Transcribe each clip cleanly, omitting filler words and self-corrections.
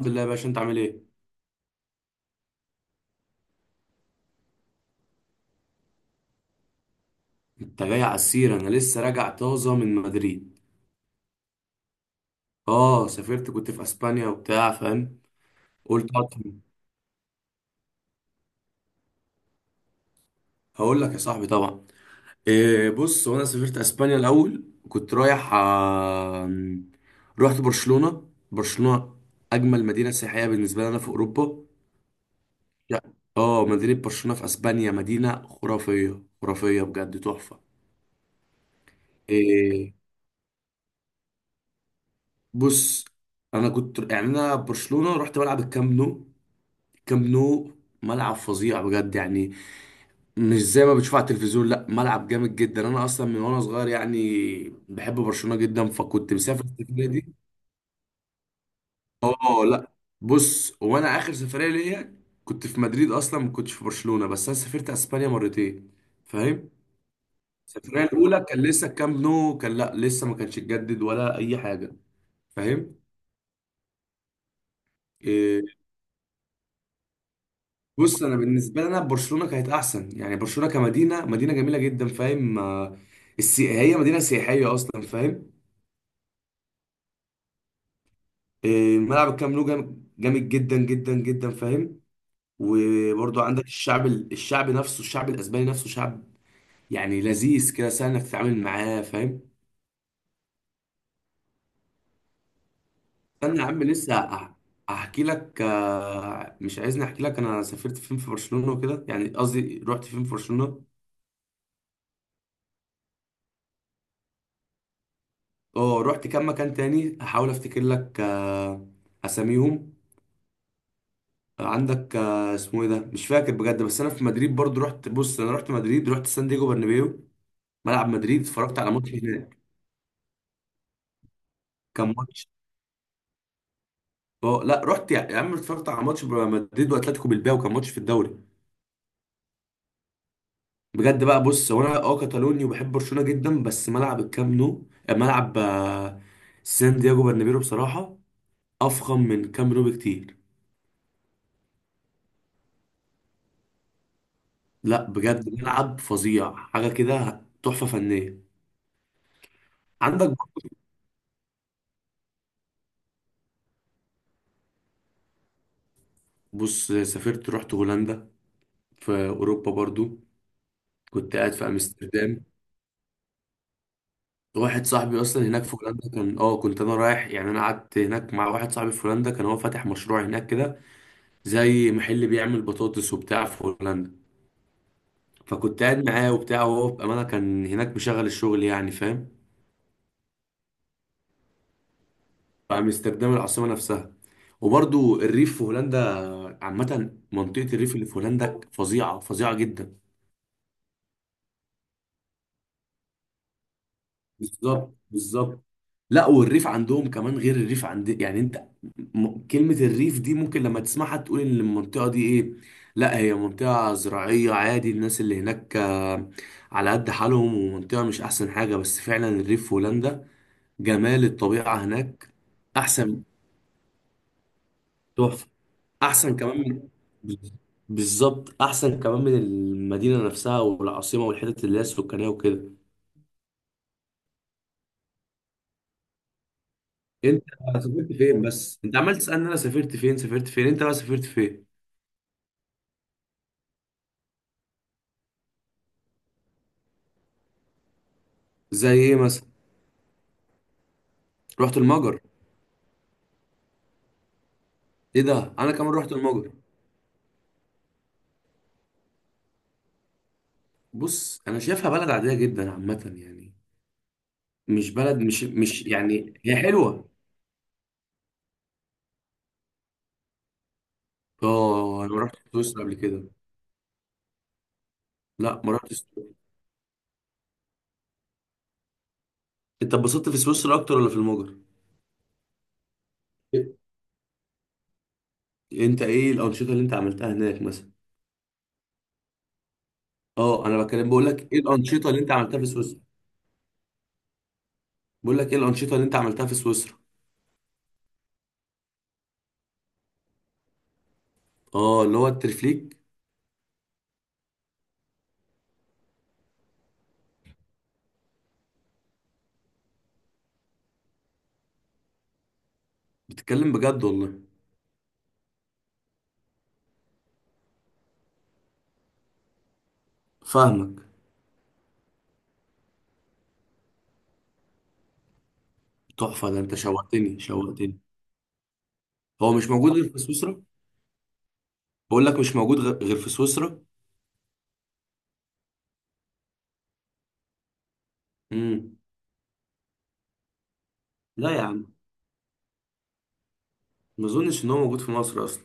الحمد لله يا باشا، انت عامل ايه؟ انت جاي على السيرة، انا لسه راجع طازة من مدريد. اه، سافرت كنت في اسبانيا وبتاع فاهم. قلت اطمن. هقول لك يا صاحبي طبعا. إيه، بص، وانا سافرت اسبانيا الاول كنت رايح رحت برشلونة. برشلونة اجمل مدينة سياحية بالنسبة لي انا في اوروبا. لا، اه، مدينة برشلونة في اسبانيا مدينة خرافية، خرافية بجد، تحفة. إيه، بص، انا كنت يعني انا برشلونة رحت بلعب الكامب نو. كامب نو ملعب فظيع بجد يعني، مش زي ما بتشوف على التلفزيون. لا، ملعب جامد جدا. انا اصلا من وانا صغير يعني بحب برشلونة جدا، فكنت مسافر السفرية دي. اه، لا، بص، وانا اخر سفرية ليا كنت في مدريد اصلا، ما كنتش في برشلونة، بس انا سافرت اسبانيا مرتين فاهم. السفرية الاولى كان لسه الكامب نو كان، لا، لسه ما كانش اتجدد ولا اي حاجة فاهم. آه، بص، انا بالنسبه لنا برشلونه كانت احسن يعني. برشلونه كمدينه، مدينه جميله جدا فاهم. هي مدينه سياحيه اصلا فاهم. آه، الملعب الكامب نو جامد جدا جدا جدا فاهم. وبرضو عندك الشعب الشعب نفسه، الشعب الاسباني نفسه شعب يعني لذيذ كده، سهل انك تتعامل معاه فاهم. استنى يا عم، لسه احكي لك. مش عايزني احكي لك انا سافرت فين في برشلونه وكده؟ يعني قصدي، رحت فين في برشلونه. اه، رحت كام مكان تاني، احاول افتكر لك اساميهم. عندك اسمه ايه ده، مش فاكر بجد. بس انا في مدريد برضو رحت، بص، انا رحت مدريد، رحت سان دييجو برنابيو، ملعب مدريد، اتفرجت على ماتش هناك. كان ماتش، اه، لا، رحت يا عم، اتفرجت على ماتش مدريد واتلتيكو بالباو، كان ماتش في الدوري. بجد بقى، بص، هو انا اه كاتالوني وبحب برشلونة جدا، بس ملعب الكام نو ملعب سان دييجو برنابيو بصراحة افخم من كام نو بكتير. لا بجد، ملعب فظيع، حاجة كده تحفة فنية. عندك، بص، سافرت رحت هولندا، في اوروبا برضو، كنت قاعد في امستردام. واحد صاحبي اصلا هناك في هولندا كان، اه، كنت انا رايح يعني، انا قعدت هناك مع واحد صاحبي في هولندا، كان هو فاتح مشروع هناك كده، زي محل بيعمل بطاطس وبتاع في هولندا. فكنت قاعد معاه وبتاع، وهو بامانه كان هناك مشغل الشغل يعني فاهم. في امستردام، العاصمه نفسها. وبرضو الريف في هولندا، عامه منطقه الريف اللي في هولندا فظيعه، فظيعه جدا. بالظبط، بالظبط. لا، والريف عندهم كمان غير الريف عند يعني انت. كلمة الريف دي ممكن لما تسمعها تقول ان المنطقة دي ايه. لا، هي منطقة زراعية عادي، الناس اللي هناك على قد حالهم، ومنطقة مش احسن حاجة، بس فعلا الريف في هولندا جمال الطبيعة هناك احسن، تحفة. احسن كمان من، بالظبط، احسن كمان من المدينة نفسها والعاصمة والحتت اللي هي السكانية وكده. انت سافرت فين؟ بس انت عمال تسالني انا سافرت فين، سافرت فين انت بقى؟ سافرت فين؟ زي ايه مثلا؟ رحت المجر. ايه ده، انا كمان رحت المجر. بص انا شايفها بلد عاديه جدا عامه يعني. مش بلد، مش يعني، هي حلوه. اه، انا ما رحتش سويسرا قبل كده. لا، ما رحتش سويسرا. انت اتبسطت في سويسرا اكتر ولا في المجر؟ إيه- انت ايه الانشطه اللي انت عملتها هناك مثلا؟ اه، انا بكلم، بقول لك ايه الانشطه اللي انت عملتها في سويسرا. بقول لك ايه الانشطه اللي انت عملتها في سويسرا. اه، اللي هو الترفليك. بتتكلم بجد والله؟ فاهمك. تحفة، ده انت شوقتني، شوقتني. هو مش موجود غير في سويسرا؟ بقول لك مش موجود غير في سويسرا. امم. لا يا عم، ما اظنش ان هو موجود في مصر اصلا.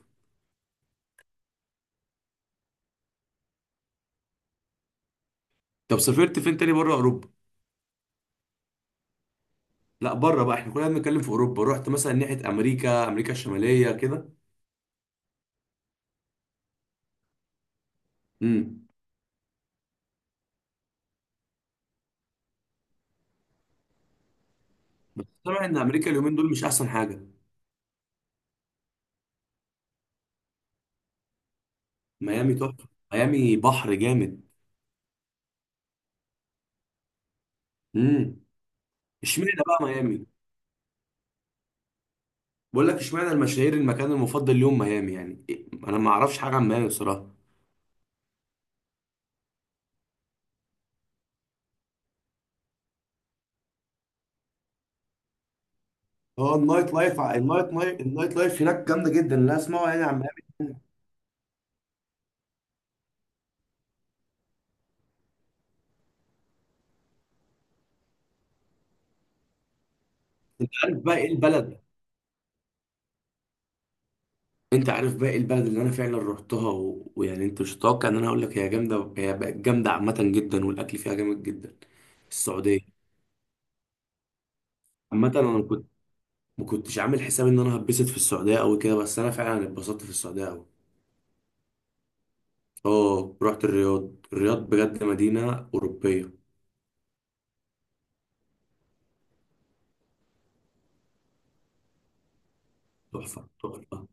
طب سافرت فين تاني بره اوروبا؟ لا، بره بقى، احنا كلنا بنتكلم في اوروبا. رحت مثلا ناحية امريكا، امريكا الشمالية كده؟ امم. بس سامع ان امريكا اليومين دول مش احسن حاجة. ميامي تحفة، ميامي بحر جامد. امم. اشمعنى بقى ميامي؟ بقول لك، اشمعنى المشاهير المكان المفضل ليهم ميامي يعني إيه؟ انا ما اعرفش حاجة عن ميامي بصراحة. هو النايت لايف، النايت لايف هناك جامده جدا، لا اسمعوا يعني عن ميامي. انت عارف بقى ايه البلد، انت عارف بقى ايه البلد اللي انا فعلا رحتها ويعني انت مش هتتوقع ان انا اقول لك هي جامده، هي بقت جامده عامه جدا والاكل فيها جامد جدا. السعوديه. عامه انا كنت، ما كنتش عامل حساب ان انا هتبسط في السعوديه قوي كده، بس انا فعلا اتبسطت في السعوديه قوي. اه، رحت الرياض. الرياض بجد مدينه اوروبيه، تحفه، تحفه.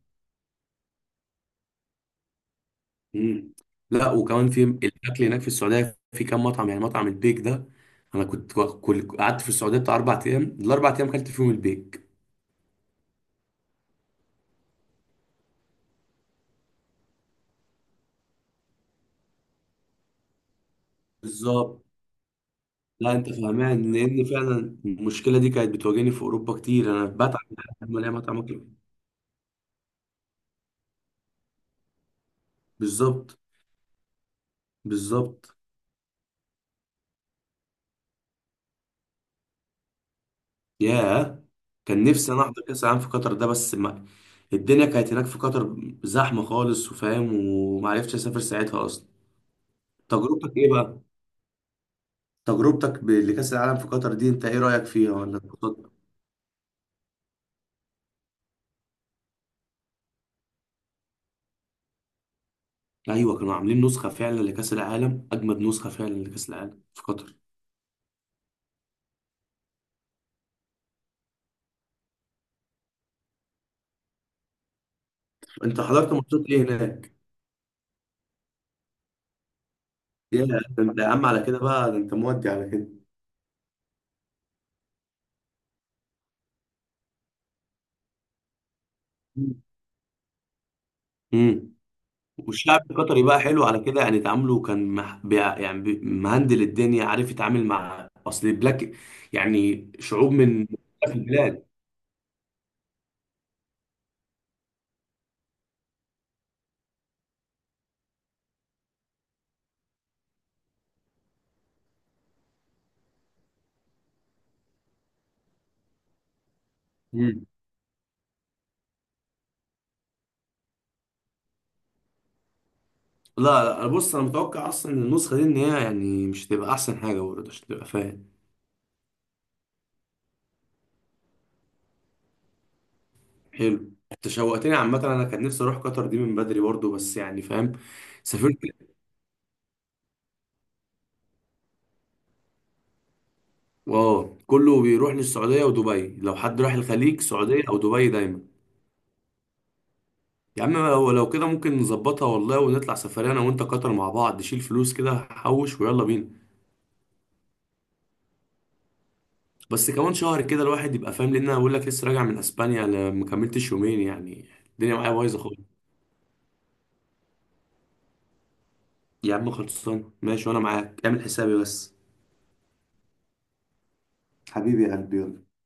مم. لا، وكمان في الاكل هناك في السعوديه، في كام مطعم يعني، مطعم البيك ده. انا كنت كل قعدت في السعوديه بتاع اربع ايام، الاربع ايام اكلت فيهم البيك. بالظبط. لا، انت فاهمان، لان فعلا المشكله دي كانت بتواجهني في اوروبا كتير، انا بتعب لما الاقي مطعم اكل. بالظبط، بالظبط. ياه. كان نفسي انا احضر كاس العالم في قطر ده، بس ما، الدنيا كانت هناك في قطر زحمه خالص وفاهم، ومعرفتش اسافر ساعتها اصلا. تجربتك ايه بقى؟ لكأس العالم في قطر دي انت ايه رأيك فيها، ولا انبسطت؟ ايوه، كانوا عاملين نسخه فعلا لكاس العالم، اجمد نسخه فعلا لكاس العالم في قطر. انت حضرت ماتشات ايه هناك؟ يا ده، انت يا عم على كده بقى، ده انت مودي على كده. امم. والشعب القطري بقى حلو على كده يعني، تعامله كان يعني مهندل الدنيا، عارف يتعامل مع اصل البلاك يعني شعوب من مختلف البلاد. امم. لا لا، انا بص، انا متوقع اصلا النسخه دي ان هي يعني مش هتبقى احسن حاجه برضه عشان تبقى فاهم. حلو، انت شوقتني. عامة انا كان نفسي اروح قطر دي من بدري برضو، بس يعني فاهم. سافرت، واو، كله بيروح للسعودية ودبي. لو حد راح الخليج، سعودية او دبي دايما. يا عم، لو كده ممكن نظبطها والله، ونطلع سفرية انا وانت قطر مع بعض، نشيل فلوس كده حوش ويلا بينا. بس كمان شهر كده الواحد يبقى فاهم، لان انا بقول لك لسه راجع من اسبانيا، انا ما كملتش يومين يعني، الدنيا معايا بايظة خالص. يا عم خلصان، ماشي، وانا معاك، اعمل حسابي بس. حبيبي يا قلبي، يلا.